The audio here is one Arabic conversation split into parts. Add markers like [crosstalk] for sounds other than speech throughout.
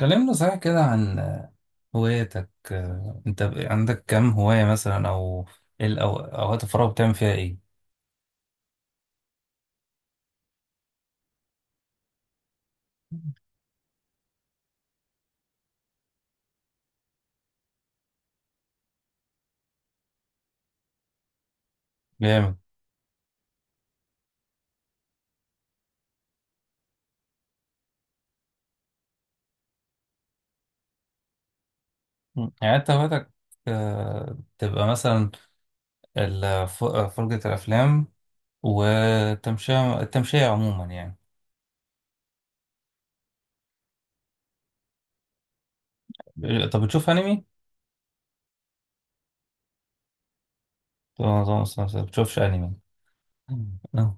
كلمنا صحيح كده عن هواياتك. انت عندك كم هواية مثلا، او ايه اوقات الفراغ بتعمل فيها ايه؟ جامد. يعني انت هواياتك، تبقى مثلا فرجة الافلام، والتمشية عموما يعني. طب بتشوف انمي؟ طب ما بتشوفش انمي. مم. اه.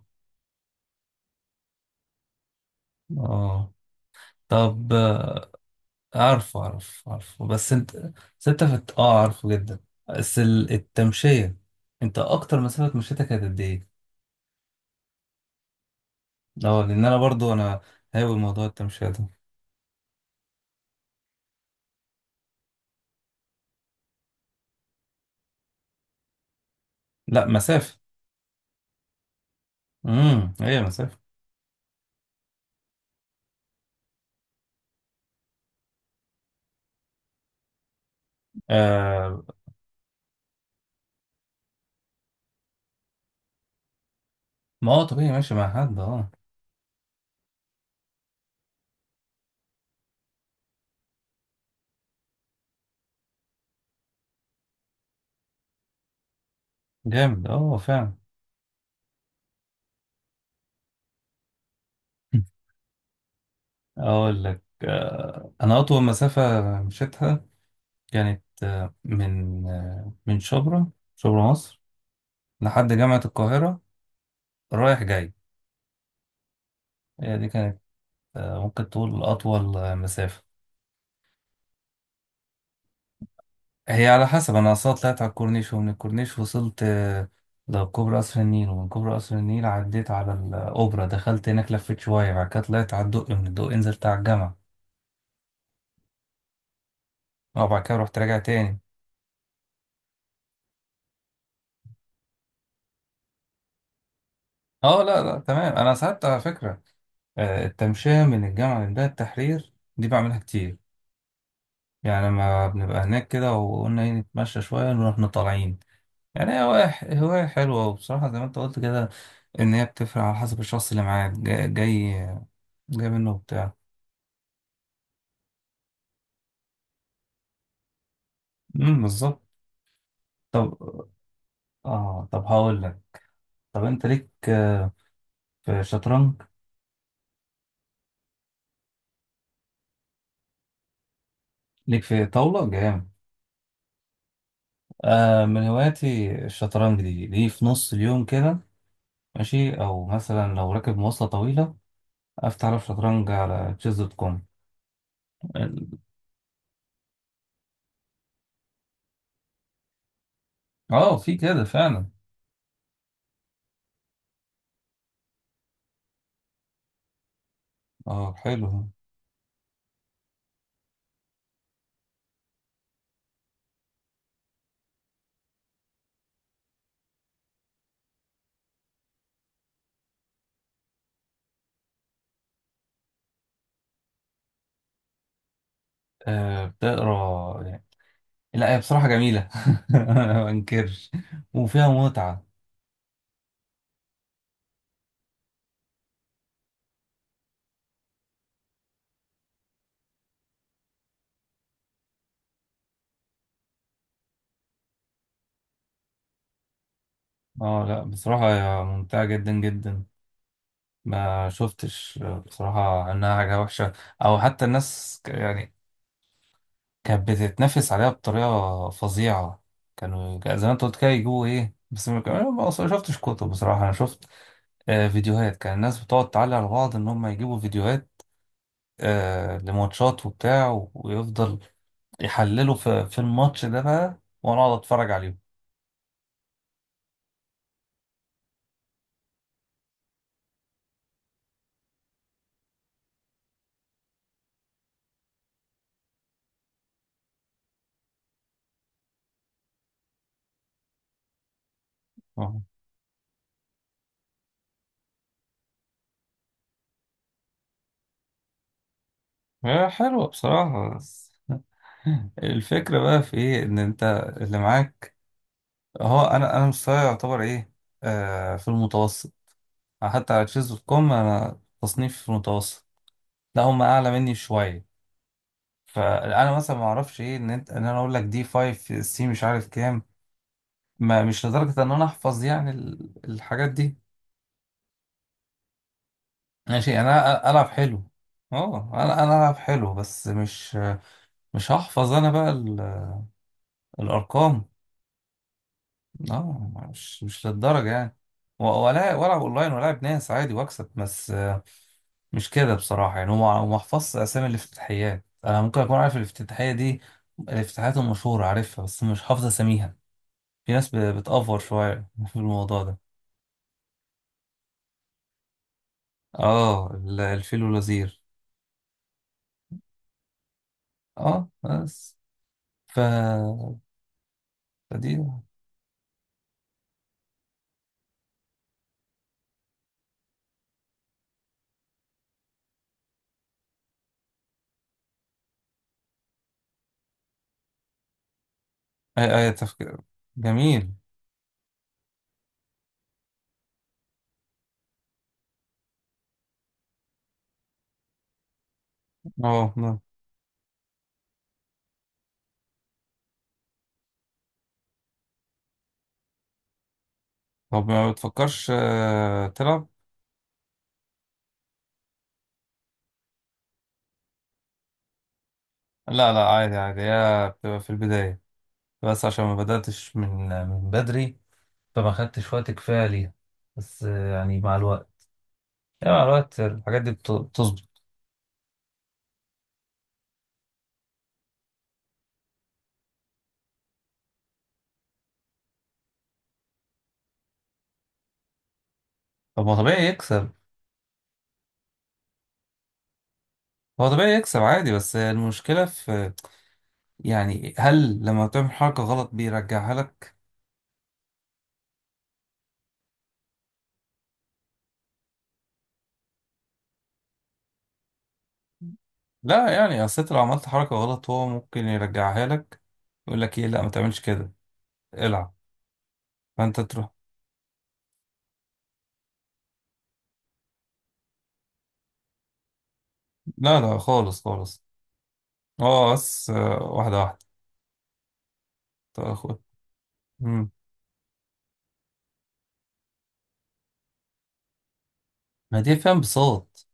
آه. طب عارفه عارفه عارفه، بس انت، بس انت فت... اه عارفه جدا. بس التمشية، انت اكتر مسافة مشيتها كانت قد ايه؟ اه، لان انا برضو هاوي موضوع التمشية ده. لا، مسافة. امم، هي مسافة. آه، ما هو طبيعي ماشي مع حد. اه جامد، اه فعلا. [laughs] اقول لك آه، انا اطول مسافة مشيتها كانت من شبرا، شبرا مصر، لحد جامعة القاهرة، رايح جاي. هي دي كانت، ممكن تقول أطول مسافة. هي على حسب، أنا أصلا طلعت على الكورنيش، ومن الكورنيش وصلت لكوبري قصر النيل، ومن كوبري قصر النيل عديت على الأوبرا، دخلت هناك لفيت شوية، بعد كده طلعت على الدقي، من الدقي نزلت على الجامعة، وبعد كده رحت راجع تاني. اه لا لا، تمام. أنا ساعات على فكرة التمشية من الجامعة لمدينة التحرير دي بعملها كتير. يعني لما بنبقى هناك كده وقلنا ايه، نتمشى شوية نروح طالعين. يعني هي هواية، هواية حلوة. وبصراحة زي ما انت قلت كده، ان هي بتفرق على حسب الشخص اللي معاك، جاي منه وبتاع. امم، بالظبط. طب، اه طب هقول لك، طب انت ليك في شطرنج؟ ليك في طاولة جامد. آه، من هواياتي الشطرنج. دي في نص اليوم كده ماشي، او مثلا لو راكب مواصلة طويلة افتح على شطرنج، على تشيز دوت كوم. اه، في كده فعلا. اه حلو. آه بتقرا. لا، هي بصراحة جميلة. [laughs] أنا ما أنكرش وفيها متعة. اه لا بصراحة، هي ممتعة جدا جدا. ما شفتش بصراحة إنها حاجة وحشة، أو حتى الناس يعني كانت بتتنافس عليها بطريقة فظيعة. كانوا زي ما أنت قلت كده، يجيبوا إيه، بس ما كان- أنا ما أصلاً شفتش كتب بصراحة. أنا شفت فيديوهات. كان الناس بتقعد تعلق على بعض إن هم يجيبوا فيديوهات لماتشات وبتاع ويفضل يحللوا في الماتش ده بقى، وأنا أقعد أتفرج عليهم. آه. هي حلوة بصراحة، بس الفكرة بقى في ايه، ان انت اللي معاك. اهو انا مستواي يعتبر ايه، في المتوسط. حتى على تشيز دوت كوم انا تصنيف في المتوسط. لا، هم اعلى مني شوية. فانا مثلا ما اعرفش ايه، ان انت ان انا اقول لك دي 5 سي مش عارف كام. ما مش لدرجة ان انا احفظ يعني الحاجات دي. ماشي، يعني انا العب حلو. اه انا العب حلو، بس مش هحفظ انا بقى الارقام. اه مش مش للدرجة يعني، ولا والعب اونلاين والعب ناس عادي واكسب، بس مش كده بصراحة. يعني هو ما حفظش اسامي الافتتاحيات. انا ممكن اكون عارف الافتتاحية دي، الافتتاحيات المشهورة عارفها، بس مش حافظ اساميها. في ناس بتأفور شوية [laughs] في الموضوع ده. اه، الفيل والوزير. اه بس. ف فدي اي اي تفكير جميل. اه نعم. طب ما بتفكرش تلعب. لا لا عادي عادي، هي بتبقى في البداية، بس عشان ما بدأتش من بدري، فما خدتش وقت كفاية ليها. بس يعني مع الوقت، يعني مع الوقت الحاجات دي بتظبط. طب هو طبيعي يكسب. هو طبيعي يكسب عادي، بس المشكلة في، يعني هل لما تعمل حركة غلط بيرجعها لك؟ لا يعني، أصل أنت لو عملت حركة غلط هو ممكن يرجعها لك، يقول لك إيه لا ما تعملش كده، العب. فأنت تروح. لا لا خالص خالص. هو بس واحدة واحدة. طب يا أخويا. مم. ما دي فيها انبساط.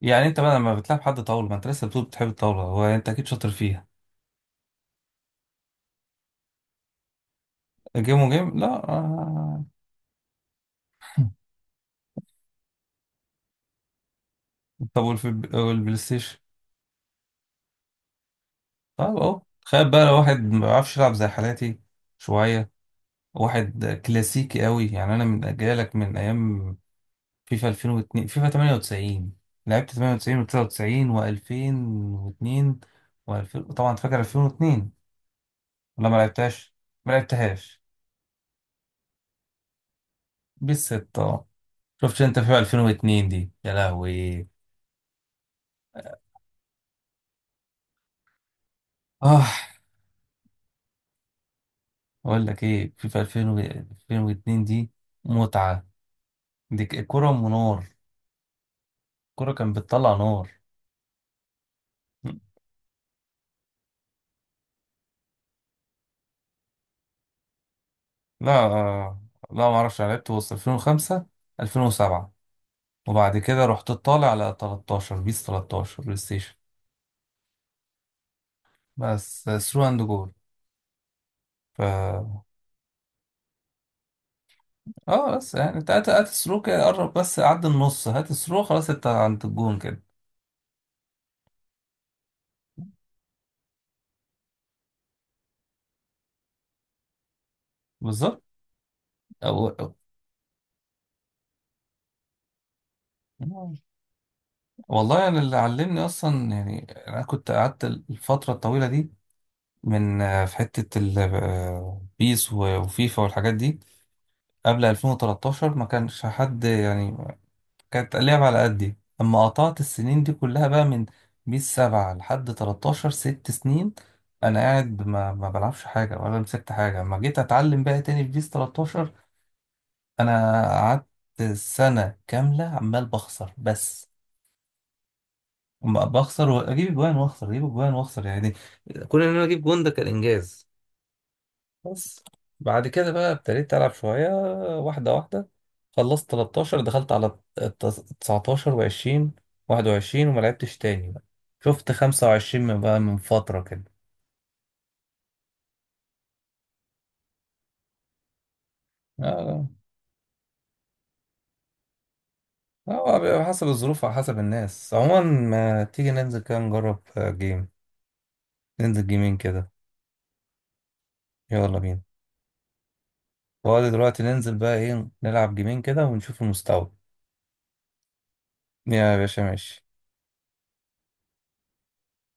يعني انت بقى لما بتلعب حد طاولة، ما انت لسه بتقول بتحب الطاولة، هو يعني انت اكيد شاطر فيها. جيم وجيم لا آه. [laughs] طب والبلاي ستيشن. طب اهو تخيل بقى لو واحد ما بيعرفش يلعب زي حالاتي شوية، واحد كلاسيكي قوي. يعني انا من جايلك من ايام فيفا 2002، فيفا 98. لعبت 98 و99 و2002 و2000 طبعا. فاكر 2002 ولا ما لعبتهاش؟ ما لعبتهاش بالستة؟ شفت انت فيفا 2002 دي يا لهوي؟ اه اقول لك ايه، فيفا 2000 2002 دي متعة. دي الكرة ام نار، الكرة كانت بتطلع نار. لا لا ما اعرفش، أنا لعبت وسط 2005، 2007، وبعد كده رحت طالع على 13، بيس 13 بلاي ستيشن بس، ثرو اند جول. ف اه بس يعني، انت هات هات الثرو كده، قرب بس عدى النص، هات الثرو خلاص انت عند الجون كده. بالظبط. أو... أو- والله انا يعني اللي علمني اصلا، يعني انا كنت قعدت الفترة الطويلة دي من في حتة بيس وفيفا والحاجات دي. قبل 2013 ما كانش حد، يعني كانت اللعبة على قدي. أما قطعت السنين دي كلها بقى من بيس سبعة لحد 13، 6 سنين أنا قاعد ما بلعبش حاجة ولا مسكت حاجة. أما جيت أتعلم بقى تاني في بيس 13، أنا قعدت سنة كاملة عمال بخسر بس. أما بخسر وأجيب أجوان وأخسر أجيب أجوان وأخسر، يعني كون إن أنا أجيب جون ده كان إنجاز. بس بعد كده بقى ابتديت ألعب شوية، واحدة واحدة. خلصت 13 دخلت على 19 و20 21، وما لعبتش تاني بقى. شفت 25 من بقى من فترة كده. اه. لا، هو بيبقى حسب الظروف وعلى حسب الناس عموما. ما تيجي ننزل كده نجرب جيم، ننزل جيمين كده. يلا بينا. فاضي دلوقتي؟ ننزل بقى ايه نلعب جيمين كده ونشوف المستوى. يا باشا ماشي.